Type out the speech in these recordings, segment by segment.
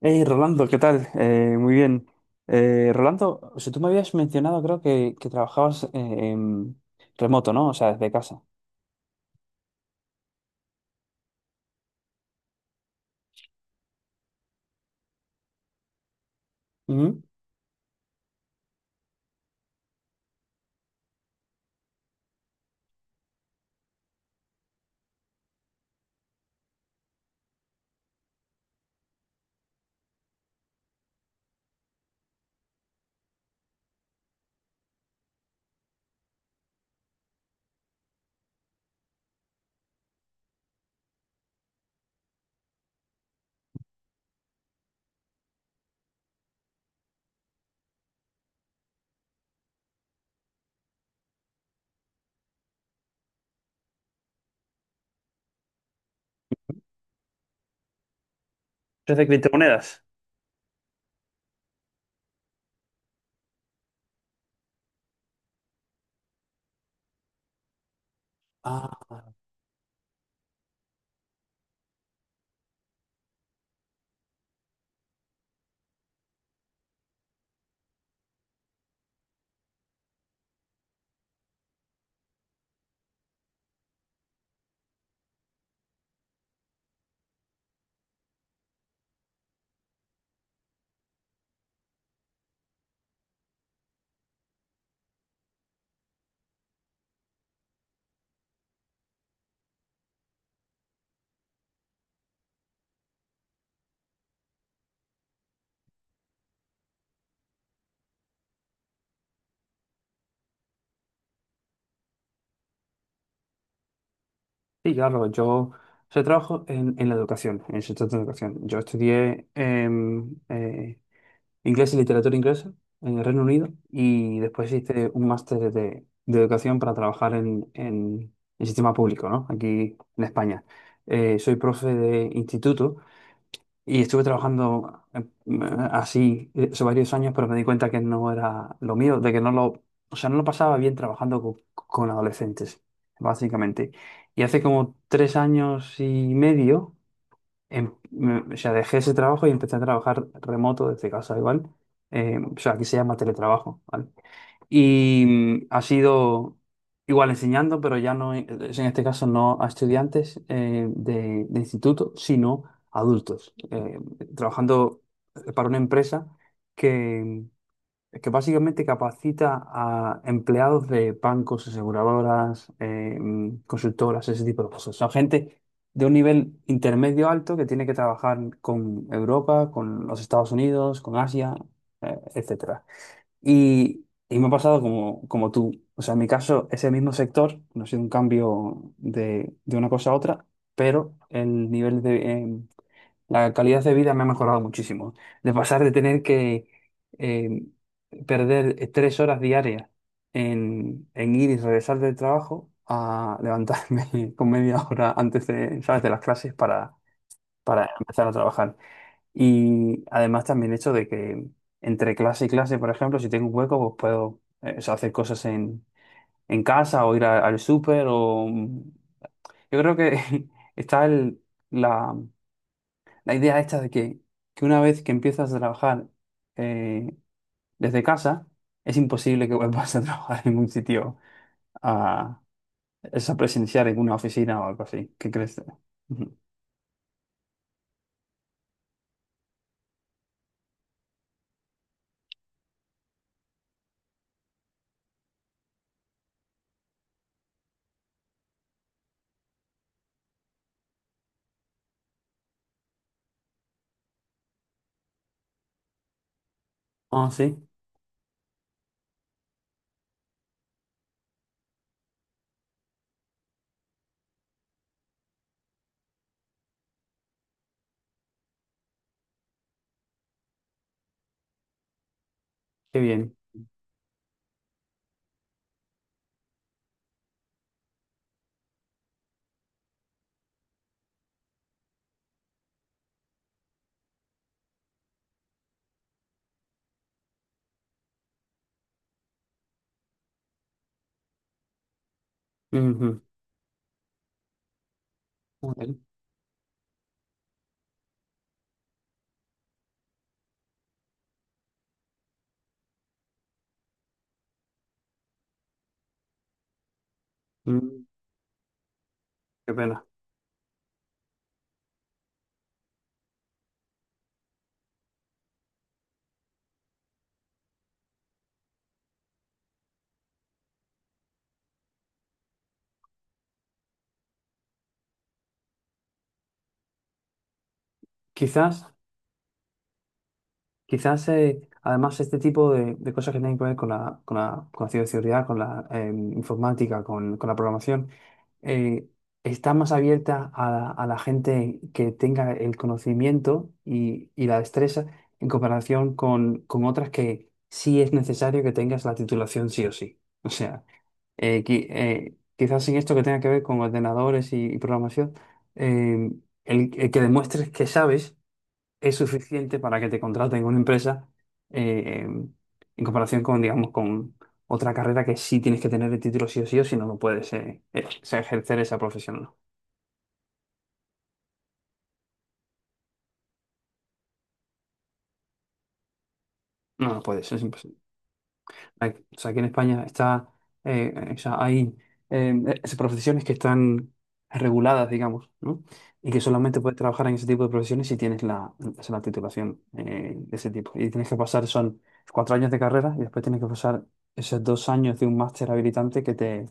Hey, Rolando, ¿qué tal? Muy bien. Rolando, o sea, tú me habías mencionado, creo que trabajabas en remoto, ¿no? O sea, desde casa. Ujú. ¿Desde criptomonedas? Ah, sí, claro, o sea, trabajo en la educación, en el sector de la educación. Yo estudié inglés y literatura inglesa en el Reino Unido y después hice un máster de educación para trabajar en el sistema público, ¿no? Aquí en España. Soy profe de instituto. Y estuve trabajando así eso varios años, pero me di cuenta que no era lo mío, de que no lo, o sea, no lo pasaba bien trabajando con adolescentes, básicamente. Y hace como tres años y medio, o sea, dejé ese trabajo y empecé a trabajar remoto desde casa, igual. O sea, aquí se llama teletrabajo, ¿vale? Y ha sido igual enseñando, pero ya no, en este caso no a estudiantes de instituto, sino a adultos, trabajando para una empresa que, que básicamente capacita a empleados de bancos, aseguradoras, consultoras, ese tipo de cosas. Son gente de un nivel intermedio alto que tiene que trabajar con Europa, con los Estados Unidos, con Asia, etcétera. Y me ha pasado como, como tú. O sea, en mi caso, ese mismo sector, no ha sido un cambio de una cosa a otra, pero el nivel de... la calidad de vida me ha mejorado muchísimo. De pasar de tener que eh, perder tres horas diarias en ir y regresar del trabajo a levantarme con media hora antes de, ¿sabes?, de las clases para empezar a trabajar. Y además también el hecho de que entre clase y clase, por ejemplo, si tengo un hueco, pues puedo o sea, hacer cosas en casa o ir al súper o... Yo creo que está la, la idea esta de que una vez que empiezas a trabajar eh, desde casa, es imposible que vuelvas a trabajar en un sitio a, es a presenciar en una oficina o algo así. ¿Qué crees? Ujú. Ah, sí, qué bien. Ujú. Joder. Mm, qué pena. Quizás... Quizás, además, este tipo de cosas que tienen que ver con con la ciberseguridad, con la informática, con la programación, eh, está más abierta a la gente que tenga el conocimiento y la destreza en comparación con otras que sí es necesario que tengas la titulación sí o sí. O sea, quizás en esto que tenga que ver con ordenadores y programación, eh, el que demuestres que sabes es suficiente para que te contraten en una empresa eh, em, en comparación con, digamos, con otra carrera que sí tienes que tener el título sí o sí o si no, no puedes o sea, ejercer esa profesión. No, no no puedes, es imposible. Aquí o sea, aquí en España está, o sea, hay profesiones que están reguladas, digamos, ¿no? Y que solamente puedes trabajar en ese tipo de profesiones si tienes o sea, la titulación de ese tipo. Y tienes que pasar, son cuatro años de carrera y después tienes que pasar esos dos años de un máster habilitante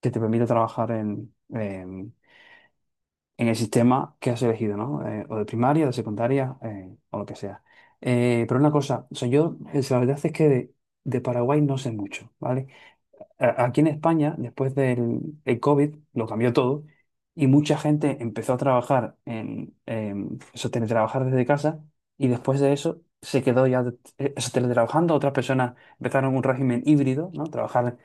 que te permite trabajar en el sistema que has elegido, ¿no? O de primaria, de secundaria, o lo que sea. Pero una cosa, o sea, yo, la verdad es que de Paraguay no sé mucho, ¿vale? a- aquí en España, después del COVID, lo cambió todo y mucha gente empezó a trabajar en eso, teletrabajar desde casa y después de eso se quedó ya eso, teletrabajando. Otras personas empezaron un régimen híbrido, ¿no? Trabajar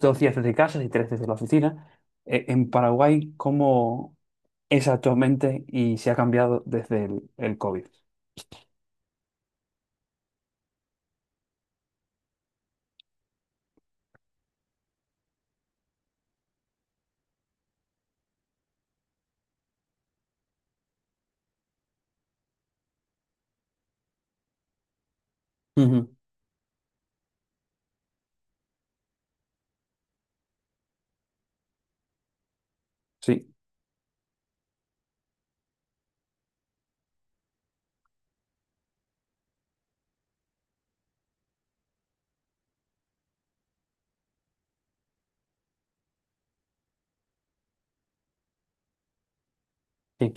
dos días desde casa y tres desde la oficina. En Paraguay, ¿cómo es actualmente y se ha cambiado desde el COVID? Ujú. Sí, sí.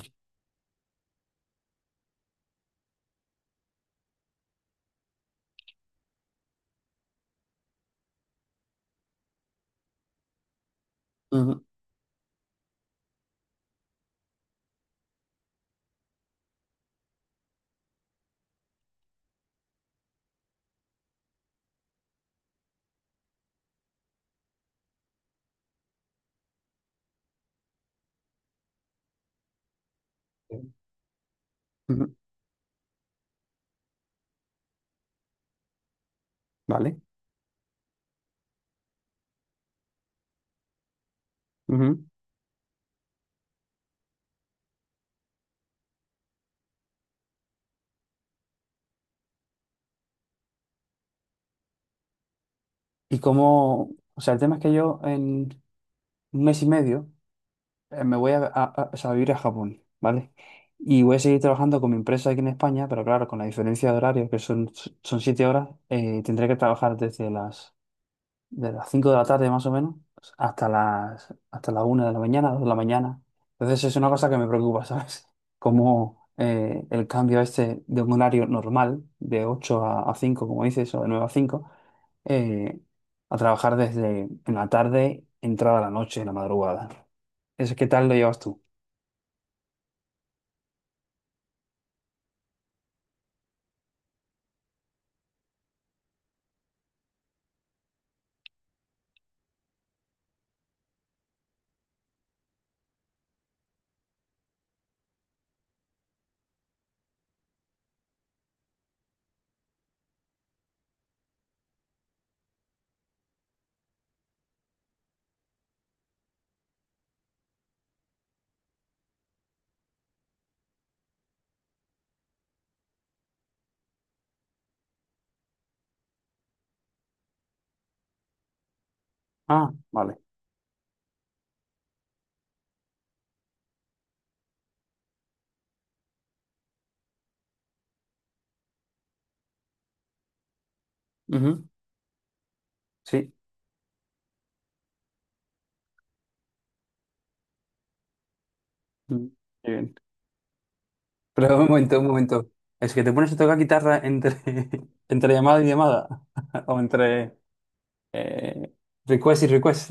Ujú. Ujú. Vale. Ujú. Y como, o sea, el tema es que yo un mes y medio, me voy o sea, a vivir a Japón, ¿vale? Y voy a seguir trabajando con mi empresa aquí en España, pero claro, con la diferencia de horario, son siete horas, tendré que trabajar de las cinco de la tarde más o menos hasta la una de la mañana, dos de la mañana. Entonces es una cosa que me preocupa, ¿sabes? Como el cambio este de un horario normal, de 8 a 5 como dices, o de 9 a 5 eh, a trabajar desde en la tarde, entrada a la noche, en la madrugada. ¿Eso qué tal lo llevas tú? Ah, vale. Ujú. Sí. Mm, qué bien. Pero un momento, un momento. ¿Es que te pones a tocar guitarra entre, entre llamada y llamada? ¿O entre eh, request y request?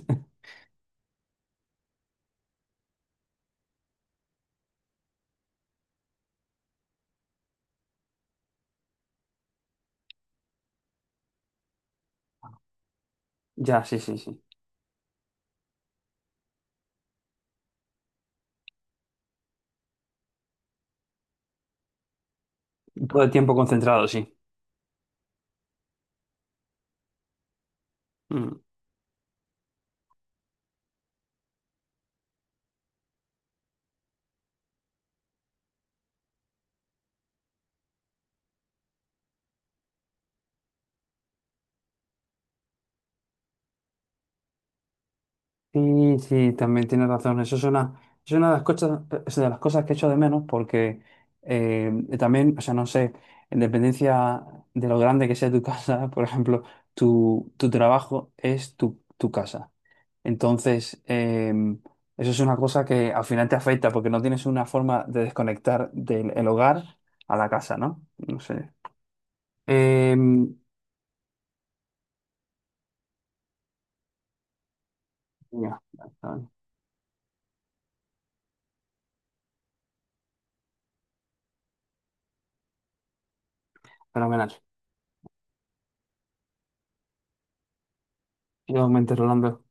Ya, sí, sí, sí. Todo el tiempo concentrado, sí. Mm. Sí, sí, también tienes razón. Eso es una de las cosas, es de las cosas que echo de menos porque eh, también, o sea, no sé, en dependencia de lo grande que sea tu casa, por ejemplo, tu trabajo es tu, tu casa. Entonces, eso es una cosa que al final te afecta porque no tienes una forma de desconectar del el hogar a la casa, ¿no? No sé. Eh, ya, fenomenal. ¡Yo me Rolando!